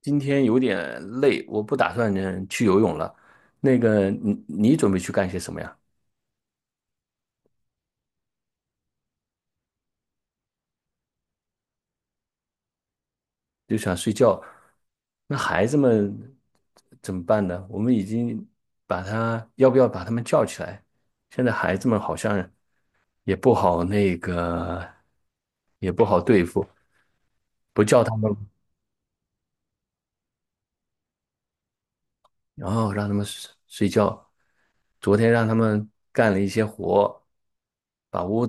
今天有点累，我不打算去游泳了。你准备去干些什么呀？就想睡觉。那孩子们怎么办呢？我们已经要不要把他们叫起来？现在孩子们好像也不好也不好对付，不叫他们，然后让他们睡睡觉。昨天让他们干了一些活，把屋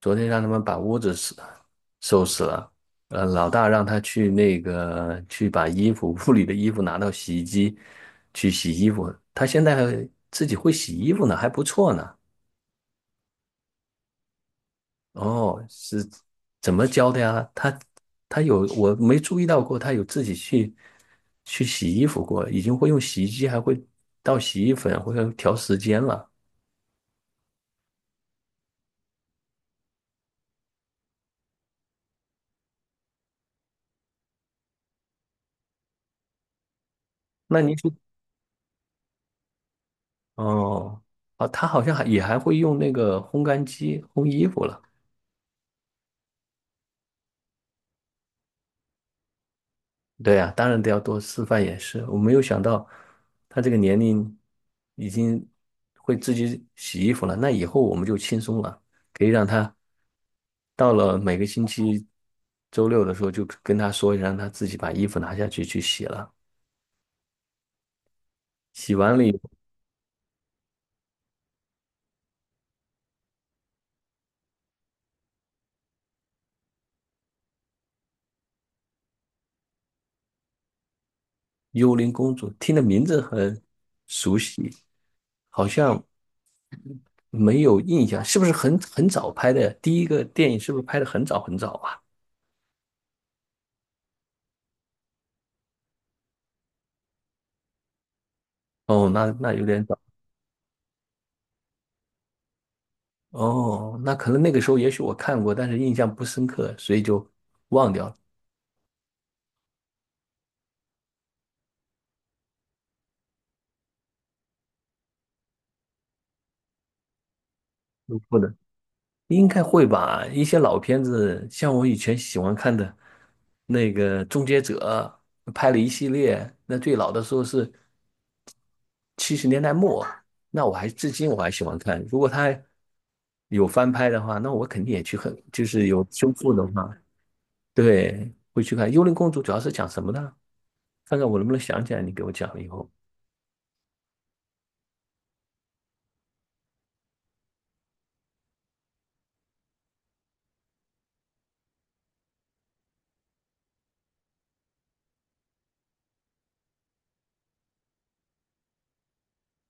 昨天让他们把屋子收拾了，老大让他去去把衣服屋里的衣服拿到洗衣机去洗衣服，他现在还自己会洗衣服呢，还不错呢。哦，是怎么教的呀？他有我没注意到过，他有自己去洗衣服过，已经会用洗衣机，还会倒洗衣粉，或者调时间了。那你是哦，哦，他好像还也还会用那个烘干机烘衣服了。对啊，当然得要多示范演示。我没有想到他这个年龄已经会自己洗衣服了，那以后我们就轻松了，可以让他到了每个星期周六的时候，就跟他说一声让他自己把衣服拿下去去洗了。洗完了以后，幽灵公主听的名字很熟悉，好像没有印象，是不是很早拍的？第一个电影是不是拍的很早很早啊？哦，那有点早。哦，那可能那个时候也许我看过，但是印象不深刻，所以就忘掉了。嗯不能，应该会吧？一些老片子，像我以前喜欢看的那个《终结者》，拍了一系列，那最老的时候是70年代末，那至今我还喜欢看。如果他有翻拍的话，那我肯定也去看，就是有修复的话，对，会去看《幽灵公主》，主要是讲什么的？看看我能不能想起来，你给我讲了以后。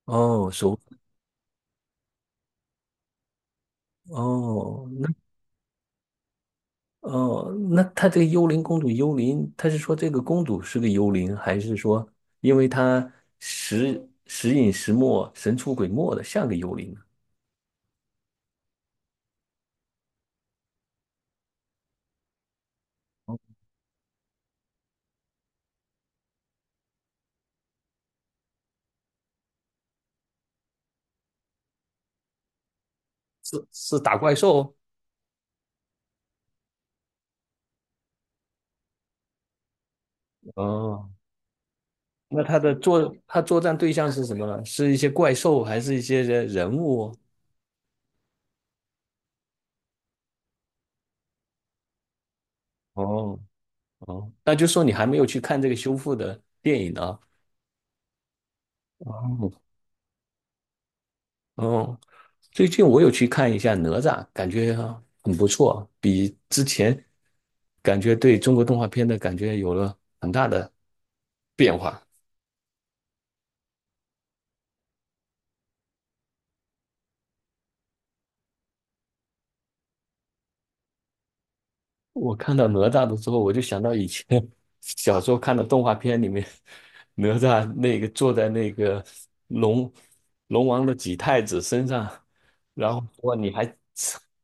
哦，哦，哦，那她这个幽灵公主，幽灵，她是说这个公主是个幽灵，还是说因为她时隐时没、神出鬼没的，像个幽灵呢？是打怪兽。哦，那他作战对象是什么呢？是一些怪兽，还是一些人物？哦，哦，那就说你还没有去看这个修复的电影呢？哦，哦，最近我有去看一下《哪吒》，感觉很不错，比之前感觉对中国动画片的感觉有了很大的变化。我看到哪吒的时候，我就想到以前 小时候看的动画片里面，哪吒那个坐在那个龙龙王的几太子身上，然后说你还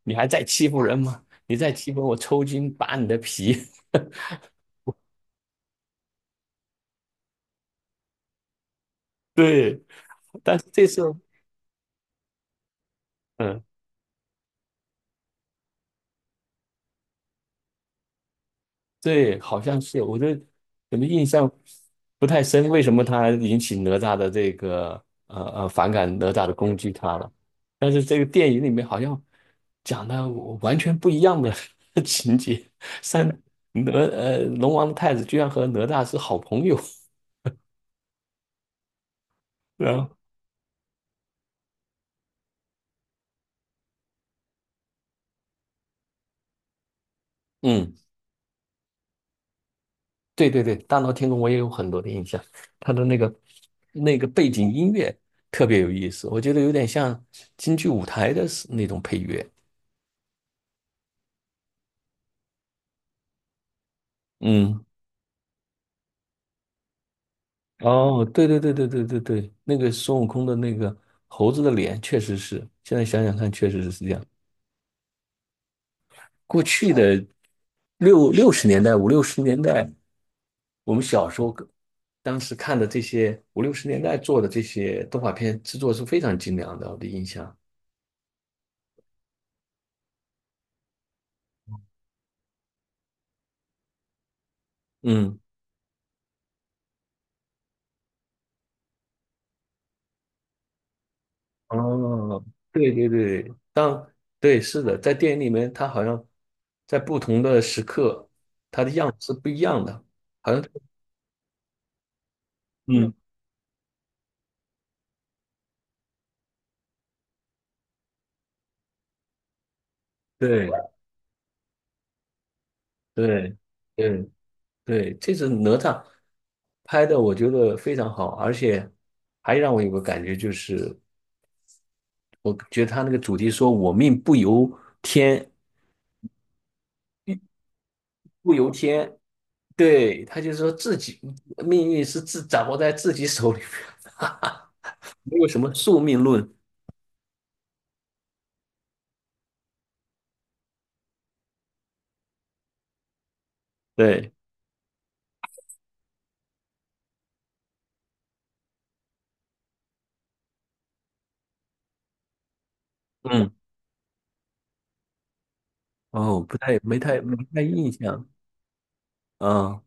你还在欺负人吗？你再欺负我，抽筋扒你的皮。对，但是这次。嗯。对，好像是，怎么印象不太深，为什么他引起哪吒的这个反感哪吒的攻击他了？但是这个电影里面好像讲的完全不一样的 情节，三龙王的太子居然和哪吒是好朋友，然后嗯，对对对，大闹天宫我也有很多的印象，他的那个背景音乐特别有意思，我觉得有点像京剧舞台的那种配乐，嗯。哦，对对对对对对对，那个孙悟空的那个猴子的脸，确实是，现在想想看，确实是这样。过去的六十年代、五六十年代，我们小时候当时看的这些五六十年代做的这些动画片制作是非常精良的，我的印象。嗯，哦，对对对，对是的，在电影里面，他好像在不同的时刻是不一样的，好像嗯，对对。对对，这次哪吒拍的我觉得非常好，而且还让我有个感觉就是，我觉得他那个主题说“我命不由天，不由天”，对，他就说自己命运是自掌握在自己手里面，哈哈没有什么宿命论。对，嗯，哦，不太没太没太印象，嗯，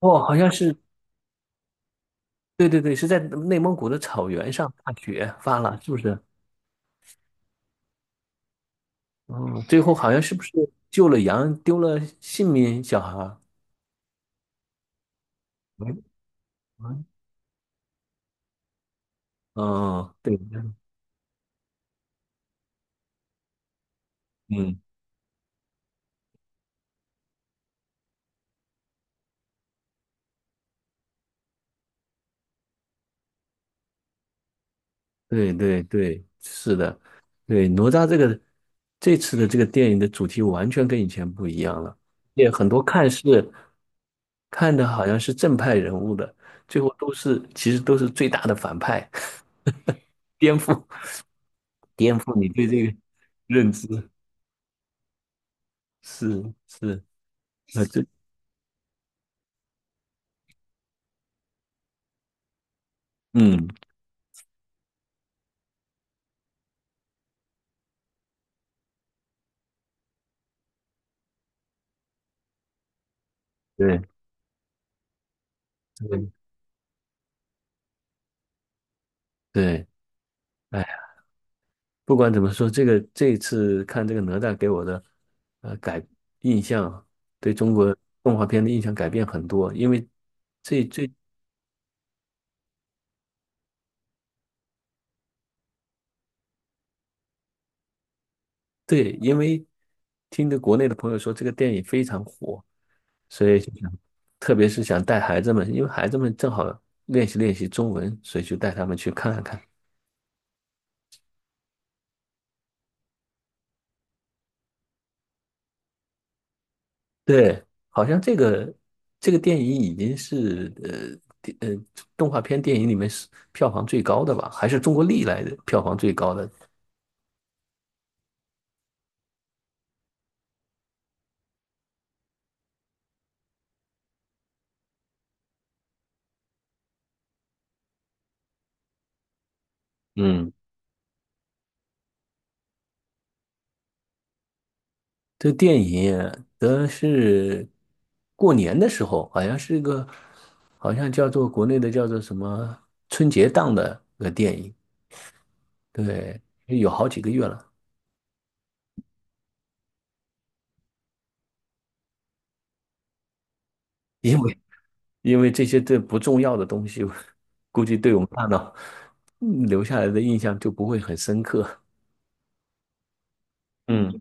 哦，好像是，对对对，是在内蒙古的草原上大雪发了，是不是？哦，最后好像是不是救了羊，丢了性命，小孩儿？嗯嗯，嗯对，嗯，对对对，是的，对，哪吒这个这次的这个电影的主题完全跟以前不一样了，也很多看的好像是正派人物的，最后都是其实都是最大的反派，颠覆颠覆你对这个认知，是是，那这嗯对对对，哎。不管怎么说，这个这次看这个哪吒给我的呃改印象，对中国动画片的印象改变很多，因为这这对，因为听着国内的朋友说这个电影非常火，所以就想特别是想带孩子们，因为孩子们正好练习练习中文，所以就带他们去看看。对，好像这个电影已经是呃电呃动画片电影里面是票房最高的吧，还是中国历来的票房最高的。嗯。这个电影的是过年的时候，好像是个，好像叫做国内的叫做什么春节档的个电影，对，有好几个月了。因为因为这些不重要的东西，估计对我们大脑留下来的印象就不会很深刻。嗯，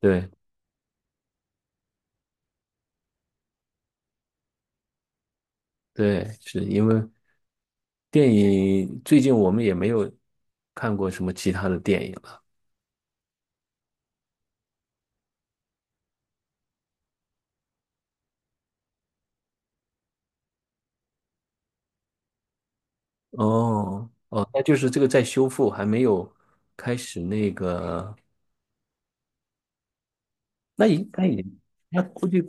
对对，是因为电影最近我们也没有看过什么其他的电影。了。哦哦，那就是这个在修复，还没有开始那个，那应该也，那估计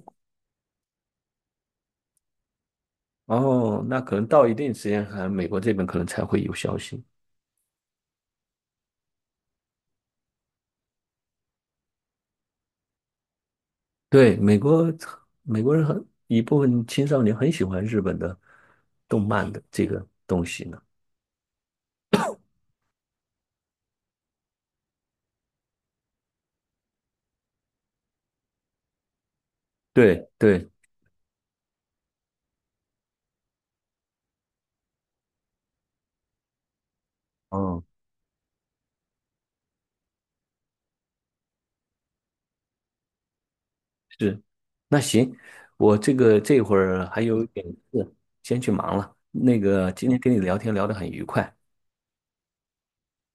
哦，那可能到一定时间，还美国这边可能才会有消息。对，美国人很一部分青少年很喜欢日本的动漫的这个东西呢。对对，嗯，是，那行，我这会儿还有一点事，先去忙了。今天跟你聊天聊得很愉快。